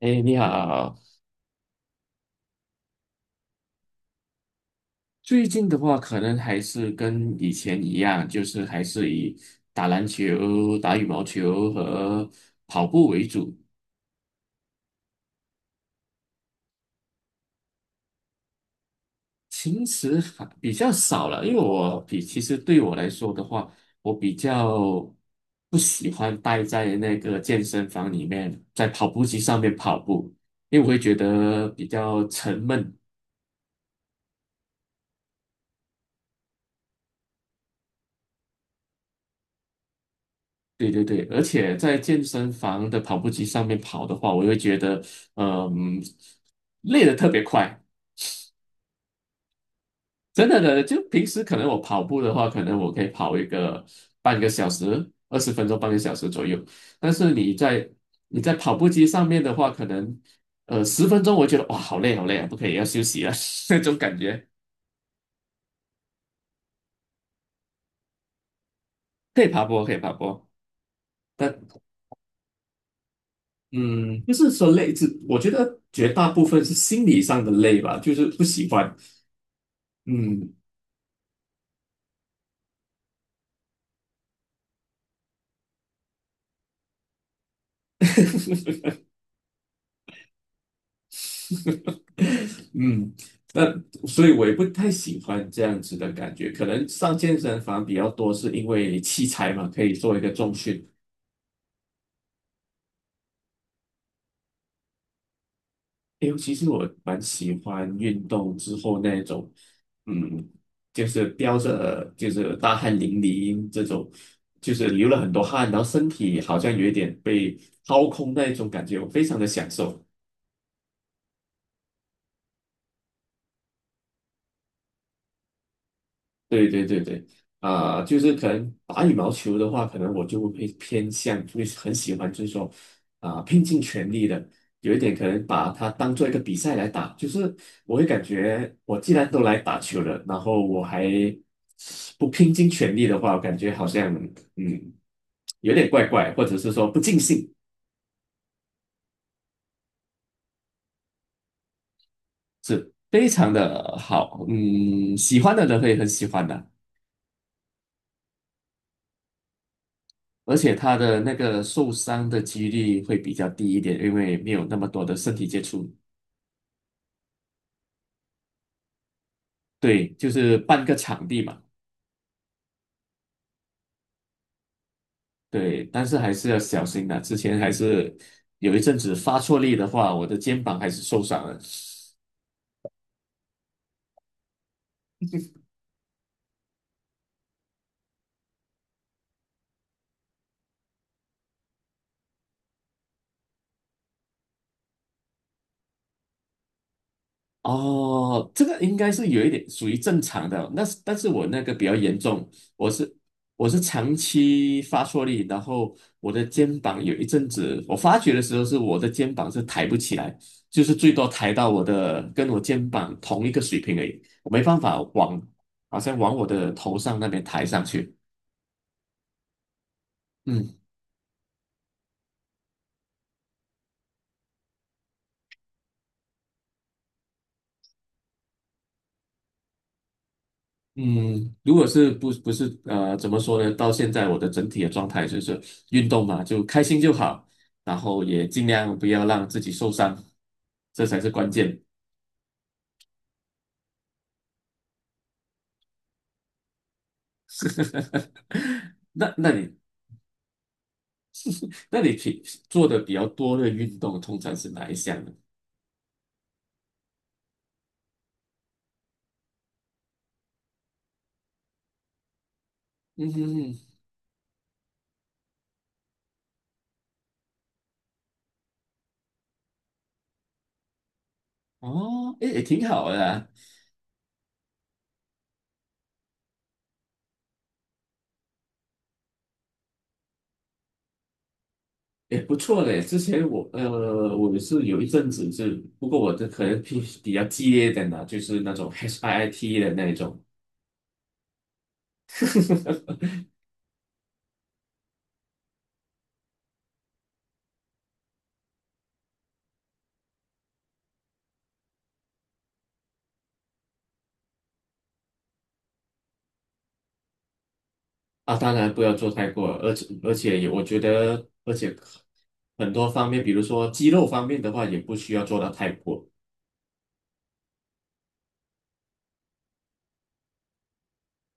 哎，你好。最近的话，可能还是跟以前一样，就是还是以打篮球、打羽毛球和跑步为主。平时还比较少了，因为其实对我来说的话，我比较不喜欢待在那个健身房里面，在跑步机上面跑步，因为我会觉得比较沉闷。对对对，而且在健身房的跑步机上面跑的话，我会觉得，嗯，累得特别快。真的，就平时可能我跑步的话，可能我可以跑一个半个小时、20分钟、半个小时左右。但是你在跑步机上面的话，可能十分钟，我觉得哇，好累好累啊，不可以要休息了 那种感觉。可以爬坡，可以爬坡，但嗯，就是说累，是我觉得绝大部分是心理上的累吧，就是不喜欢。嗯，嗯，那所以我也不太喜欢这样子的感觉。可能上健身房比较多，是因为器材嘛，可以做一个重训。哎，其实我蛮喜欢运动之后那一种，就是飙着，就是大汗淋漓这种，就是流了很多汗，然后身体好像有一点被掏空那一种感觉，我非常的享受。对对对对，啊、就是可能打羽毛球的话，可能我就会偏向，会很喜欢，就是说啊、拼尽全力的，有一点可能把它当做一个比赛来打，就是我会感觉，我既然都来打球了，然后我还不拼尽全力的话，我感觉好像嗯有点怪怪，或者是说不尽兴，非常的好，嗯，喜欢的人会很喜欢的。而且他的那个受伤的几率会比较低一点，因为没有那么多的身体接触。对，就是半个场地嘛。对，但是还是要小心的。之前还是有一阵子发错力的话，我的肩膀还是受伤了。哦，这个应该是有一点属于正常的，那是但是我那个比较严重，我是我是长期发错力，然后我的肩膀有一阵子，我发觉的时候是我的肩膀是抬不起来，就是最多抬到我的跟我肩膀同一个水平而已，我没办法往好像往我的头上那边抬上去。嗯。嗯，如果是不是，怎么说呢？到现在我的整体的状态就是运动嘛，就开心就好，然后也尽量不要让自己受伤，这才是关键。那那你那你做的比较多的运动通常是哪一项呢？嗯哼哼，哦，诶，也挺好的啊也不错嘞。之前我我是有一阵子是，不过我的可能比较激烈一点的，就是那种 HIIT 的那一种。啊，当然不要做太过，而且也我觉得，而且很多方面，比如说肌肉方面的话，也不需要做到太过。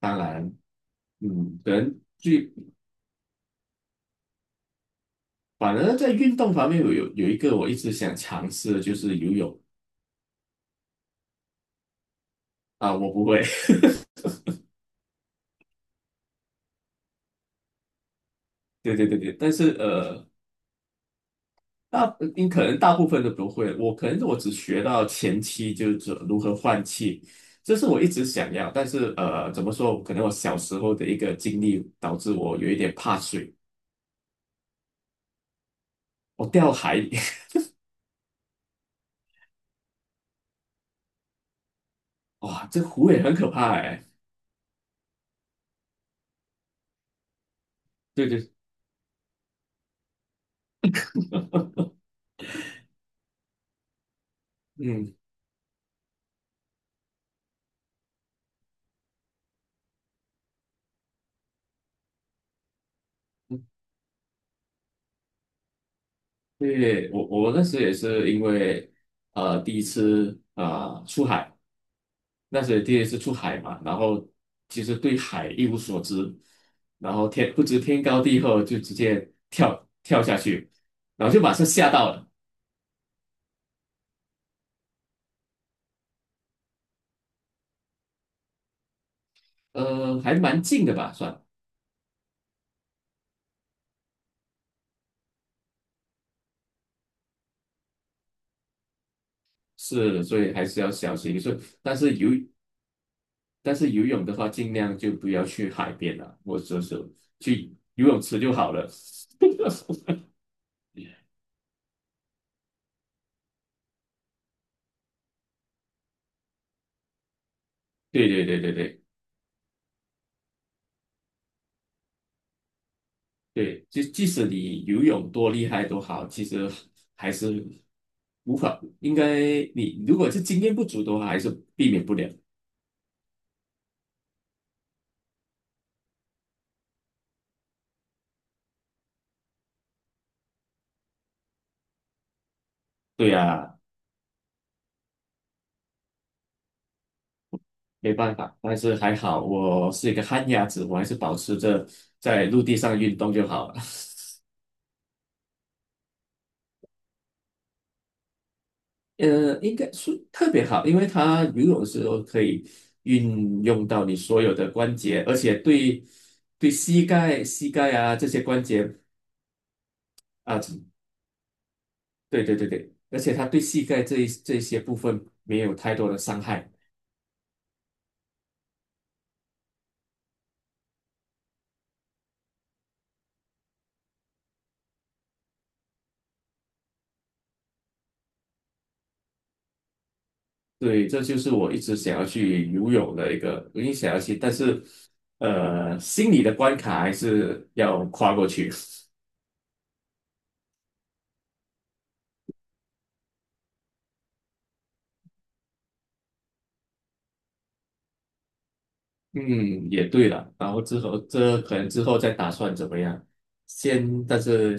当然，嗯，可能最反而在运动方面有一个我一直想尝试的就是游泳。啊，我不会，对对对对，大你可能大部分都不会，我可能只学到前期就是如何换气，这是我一直想要，但是怎么说，可能我小时候的一个经历导致我有一点怕水。我掉海，里。哇，这湖也很可怕哎。对对，嗯，对，我我那时也是因为第一次出海，那时也第一次出海嘛，然后其实对海一无所知，然后天不知天高地厚，就直接跳下去，然后就马上吓到了。还蛮近的吧，算是，所以还是要小心。所以但是游但是游泳的话，尽量就不要去海边了，或者是去游泳池就好了。对对对对对对，就即使你游泳多厉害都好，其实还是无法，应该你如果是经验不足的话，还是避免不了。对呀，没办法，但是还好我是一个旱鸭子，我还是保持着在陆地上运动就好了。呃，应该是特别好，因为它游泳的时候可以运用到你所有的关节，而且膝盖啊这些关节啊对对对对，而且它对膝盖这些部分没有太多的伤害。对，这就是我一直想要去游泳的一个，我也想要去，但是心理的关卡还是要跨过去。嗯，也对了。然后之后这可能之后再打算怎么样，先，但是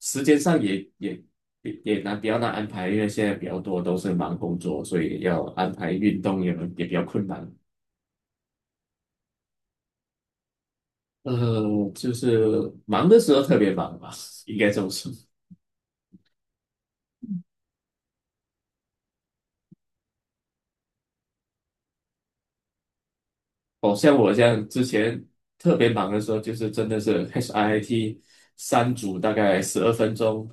时间上也难，比较难安排，因为现在比较多都是忙工作，所以要安排运动也也比较困难。就是忙的时候特别忙吧，应该这么说。哦，像我这样之前特别忙的时候，就是真的是 HIIT 三组大概12分钟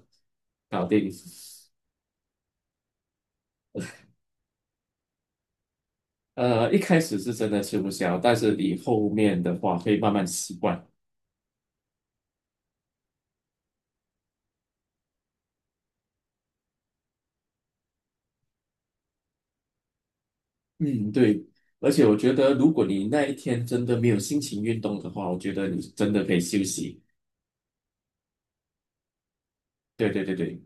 搞定。一开始是真的吃不消，但是你后面的话会慢慢习惯。嗯，对。而且我觉得，如果你那一天真的没有心情运动的话，我觉得你真的可以休息。对对对对。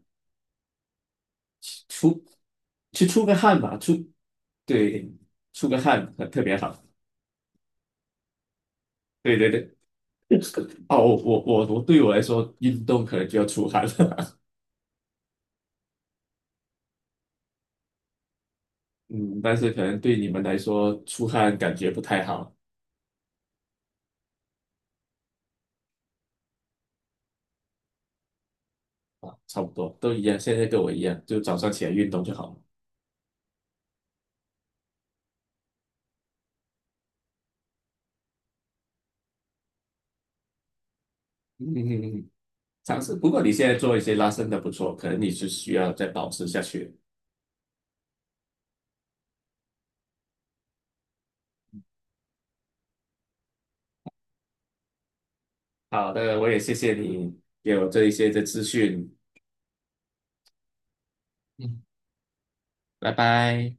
出去出个汗吧，对出个汗很特别好。对对对，哦，我对我来说，运动可能就要出汗了。嗯，但是可能对你们来说，出汗感觉不太好。差不多都一样。现在跟我一样，就早上起来运动就好了。嗯嗯，嗯嗯尝试。不过你现在做一些拉伸的不错，可能你是需要再保持下去。好的，我也谢谢你给我这一些的资讯，拜拜。